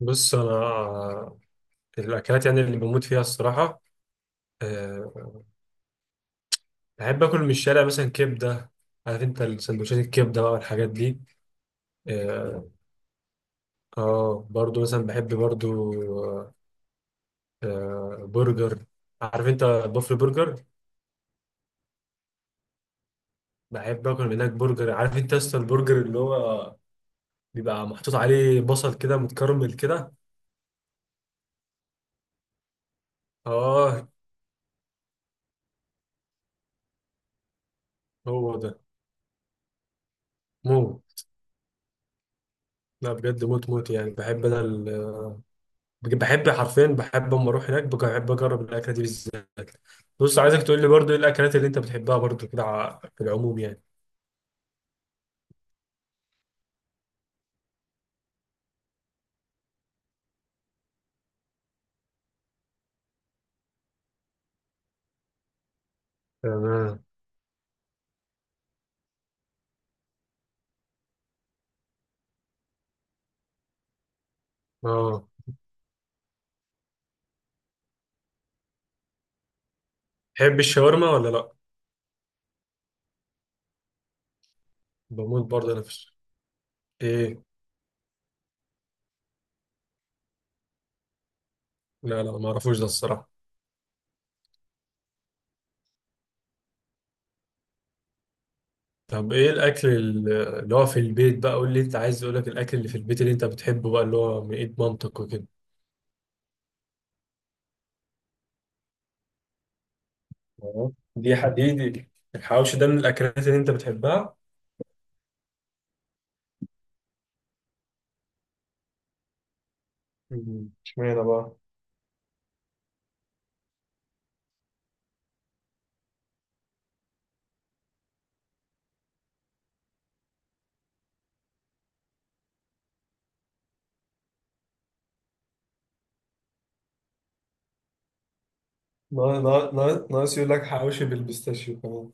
بص، انا الاكلات يعني اللي بموت فيها الصراحه. أه بحب اكل من الشارع مثلا كبده. عارف انت السندوتشات الكبده بقى والحاجات دي. اه. برضو مثلا بحب برضو أه آه، برجر. عارف انت بافلو برجر. بحب اكل من هناك برجر. عارف انت اصلا البرجر اللي هو بيبقى محطوط عليه بصل كده متكرمل كده. اه. هو ده. موت. لا بجد، موت موت، يعني بحب انا بحب حرفيا، بحب اما اروح هناك بحب اجرب الاكله دي بالذات. بص، عايزك تقول لي برضو ايه الاكلات اللي انت بتحبها برضو كده في العموم يعني. تمام. اه، تحب الشاورما ولا لا؟ بموت برضه انا ايه. لا لا، ما اعرفوش ده الصراحه. طب، ايه الاكل اللي هو في البيت بقى، قول لي، انت عايز اقول لك الاكل اللي في البيت اللي انت بتحبه بقى اللي هو من ايد مامتك وكده. اه، دي حديدي. الحواوشي ده من الاكلات اللي انت بتحبها؟ اشمعنى بقى؟ ناقص يقول لك حواوشي بالبيستاشيو كمان.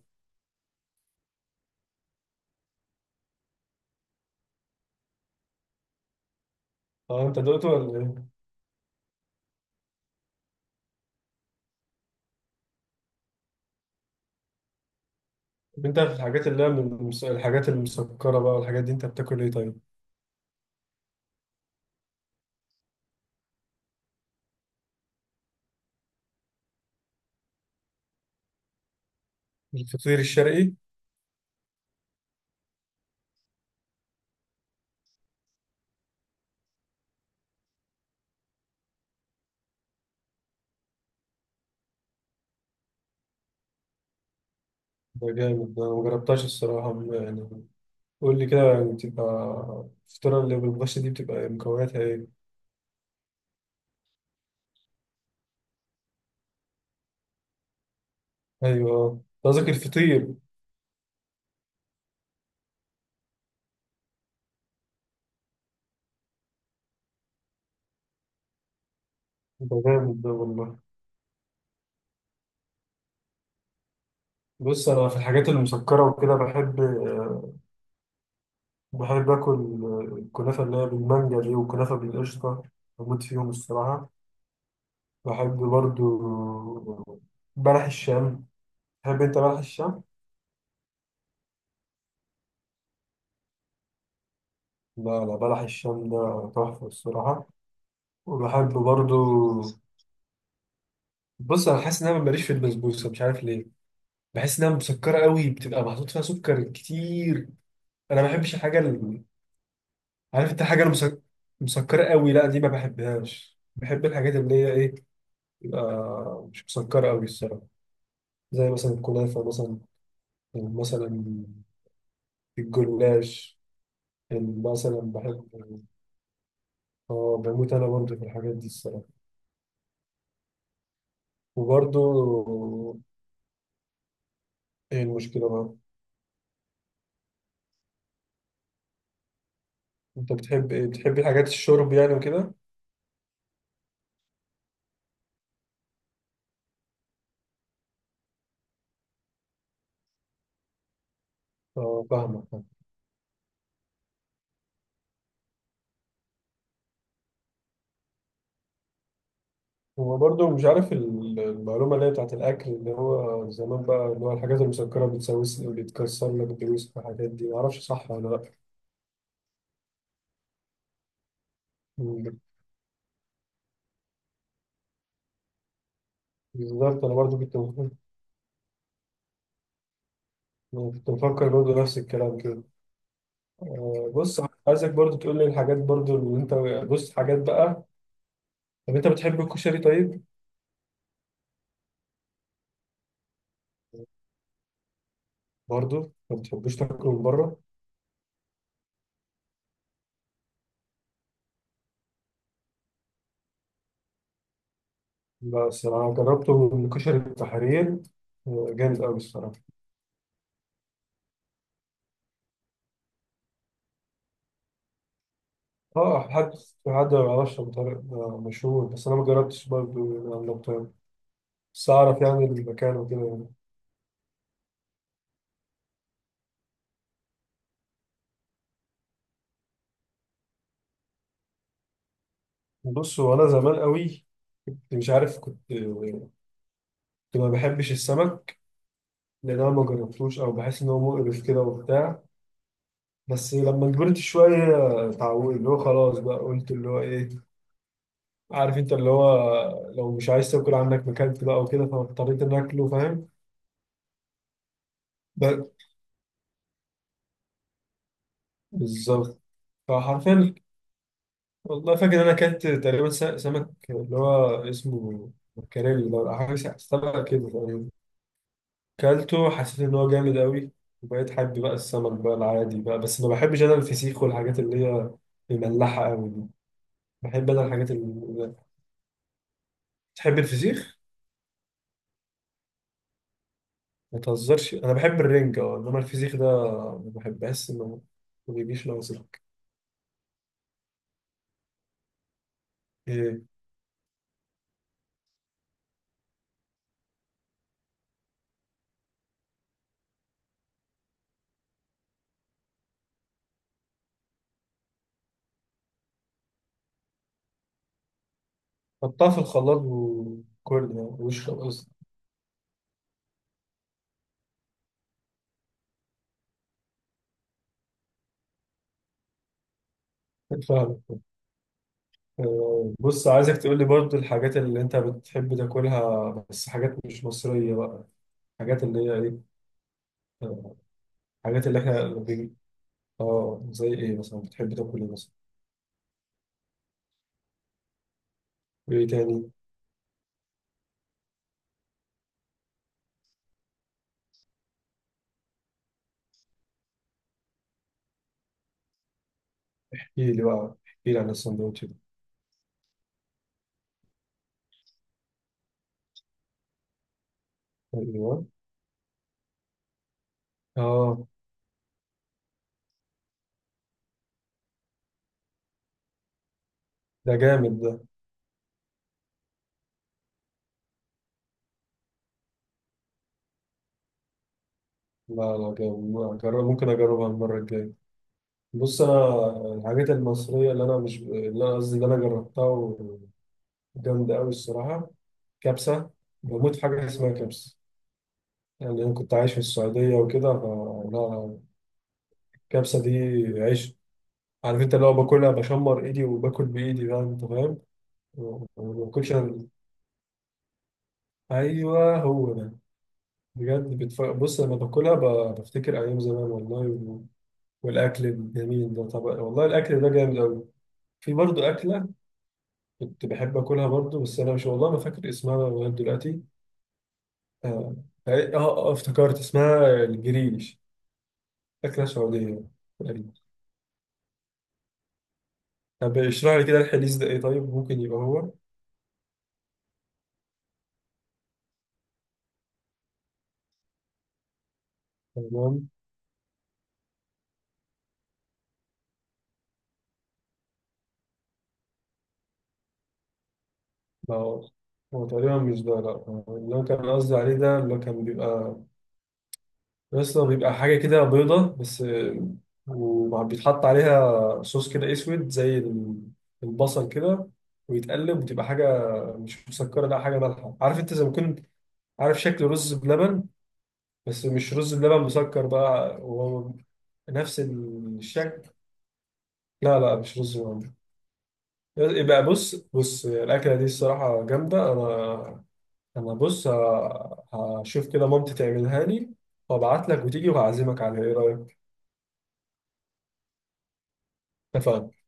اه، انت دقته ولا ايه؟ طب، انت في الحاجات اللي هي من الحاجات المسكرة بقى والحاجات دي، انت بتاكل ايه طيب؟ الفطير الشرقي. ده جامد ده، ما جربتهاش الصراحة، يعني. قول لي كده يعني الفطيرة اللي بالبش دي بتبقى مكوناتها ايه؟ ايوه، ده قصدك الفطير. ده جامد ده والله. بص، انا في الحاجات المسكرة وكده بحب اكل الكنافة اللي هي بالمانجا دي، والكنافة بالقشطة. بموت فيهم الصراحة. بحب برضو بلح الشام. تحب انت بلح الشام؟ لا لا، بلح الشام ده تحفة الصراحة. وبحب برضو. بص، أنا حاسس إن أنا ماليش في البسبوسة، مش عارف ليه. بحس إنها مسكرة قوي، بتبقى محطوط فيها سكر كتير. أنا ما بحبش الحاجة اللي، عارف أنت الحاجة مسكرة قوي، لا دي ما بحبهاش. بحب الحاجات اللي هي إيه، تبقى مش مسكرة قوي الصراحة. زي مثلا الكنافة مثلا الجلاش مثلا بحب. اه، بموت أنا برضو في الحاجات دي الصراحة وبرضو. ايه المشكلة بقى؟ انت بتحب ايه، بتحبي حاجات الشرب يعني وكده؟ اه، فاهمك فاهم. هو برضو مش عارف المعلومة اللي هي بتاعت الأكل، اللي هو زمان بقى، اللي هو الحاجات المسكرة بتسوس، بتكسر لك الدروس والحاجات دي، معرفش صح ولا لأ. مم. بالظبط، أنا برضو كنت مفكر برضو نفس الكلام كده. بص، عايزك برضو تقول لي الحاجات برضو اللي أنت بص حاجات بقى. طب أنت بتحب الكشري طيب؟ برضو ما بتحبوش تاكله من بره؟ لا، الصراحة جربته من كشري التحرير. جامد أوي الصراحة. اه، في حد ما يعرفش أبو طارق، ده مشهور، بس انا ما جربتش برضه يعني أبو طارق. بس اعرف يعني المكان وكده يعني. بص، هو انا زمان قوي كنت مش عارف، كنت ما بحبش السمك، لان انا ما جربتوش، او بحس ان هو مقرف كده وبتاع. بس لما كبرت شويه اتعودت، اللي هو خلاص بقى، قلت اللي هو ايه، عارف انت اللي هو، لو مش عايز تاكل عندك مكلت بقى وكده، فاضطريت ان اكله، فاهم. ب- بالظبط. فحرفيا، والله فاكر إن أنا أكلت تقريبا سمك اللي هو اسمه مكاريلي لو حاجة، سمك كده تقريبا. أكلته حسيت إن هو جامد أوي، وبقيت حابب بقى السمك بقى العادي بقى، بس ما بحبش أنا الفسيخ والحاجات اللي هي مملحة أوي دي. بحب أنا الحاجات اللي... تحب الفسيخ؟ ما تهزرش، أنا بحب الرنجة أه، إنما الفسيخ ده ما بحبهاش، إنه ما بيجيش ناقصك إيه. حطها في الخلاط وكل، يعني واشرب قصدي، فاهم. بص، عايزك تقول لي برضو الحاجات اللي انت بتحب تاكلها، بس حاجات مش مصرية بقى، حاجات اللي هي ايه. آه، حاجات اللي احنا اه، زي ايه مثلا، بتحب تاكل ايه مثلا؟ وايه تاني؟ احكي لي بقى، احكي لي عن السندوتش ده. ايوه. اه، ده جامد ده. لا لا، جامد، ما أجرب، ممكن اجربها المرة الجاية. بص، انا الحاجات المصرية اللي انا مش اللي انا قصدي اللي انا جربتها، وجامدة قوي الصراحة. كبسة. بموت في حاجة اسمها كبسة، يعني أنا كنت عايش في السعودية وكده، فلا الكبسة دي عيش. عارف أنت، اللي هو باكلها بشمر إيدي وباكل بإيدي بقى، أنت فاهم. وما باكلش أنا أيوه، هو ده. بجد بص لما باكلها بفتكر أيام زمان والله والأكل الجميل ده. طب والله الأكل ده جامد أوي. في برضه أكلة كنت بحب آكلها برضه، بس أنا مش والله ما فاكر اسمها لغاية دلوقتي. آه افتكرت اسمها الجريش. أكلة سعودية. طب اشرح لي كده الحديث ده ايه طيب؟ ممكن يبقى هو. تمام. لا، هو هو تقريبا مش ده، لا هو اللي هو كان قصدي عليه ده، اللي هو كان بيبقى، اصلا بيبقى حاجة كده بيضة بس، وبيتحط عليها صوص كده اسود زي البصل كده، ويتقلب وتبقى حاجة مش مسكرة، لا حاجة مالحة، عارف انت، زي ما كنت عارف شكل رز بلبن، بس مش رز بلبن مسكر بقى، هو نفس الشكل. لا لا، مش رز بلبن. يبقى بص بص، الأكلة دي الصراحة جامدة. أنا بص، هشوف كده مامتي تعملها لي، وأبعت لك وتيجي وهعزمك عليها، إيه رأيك؟ اتفقنا.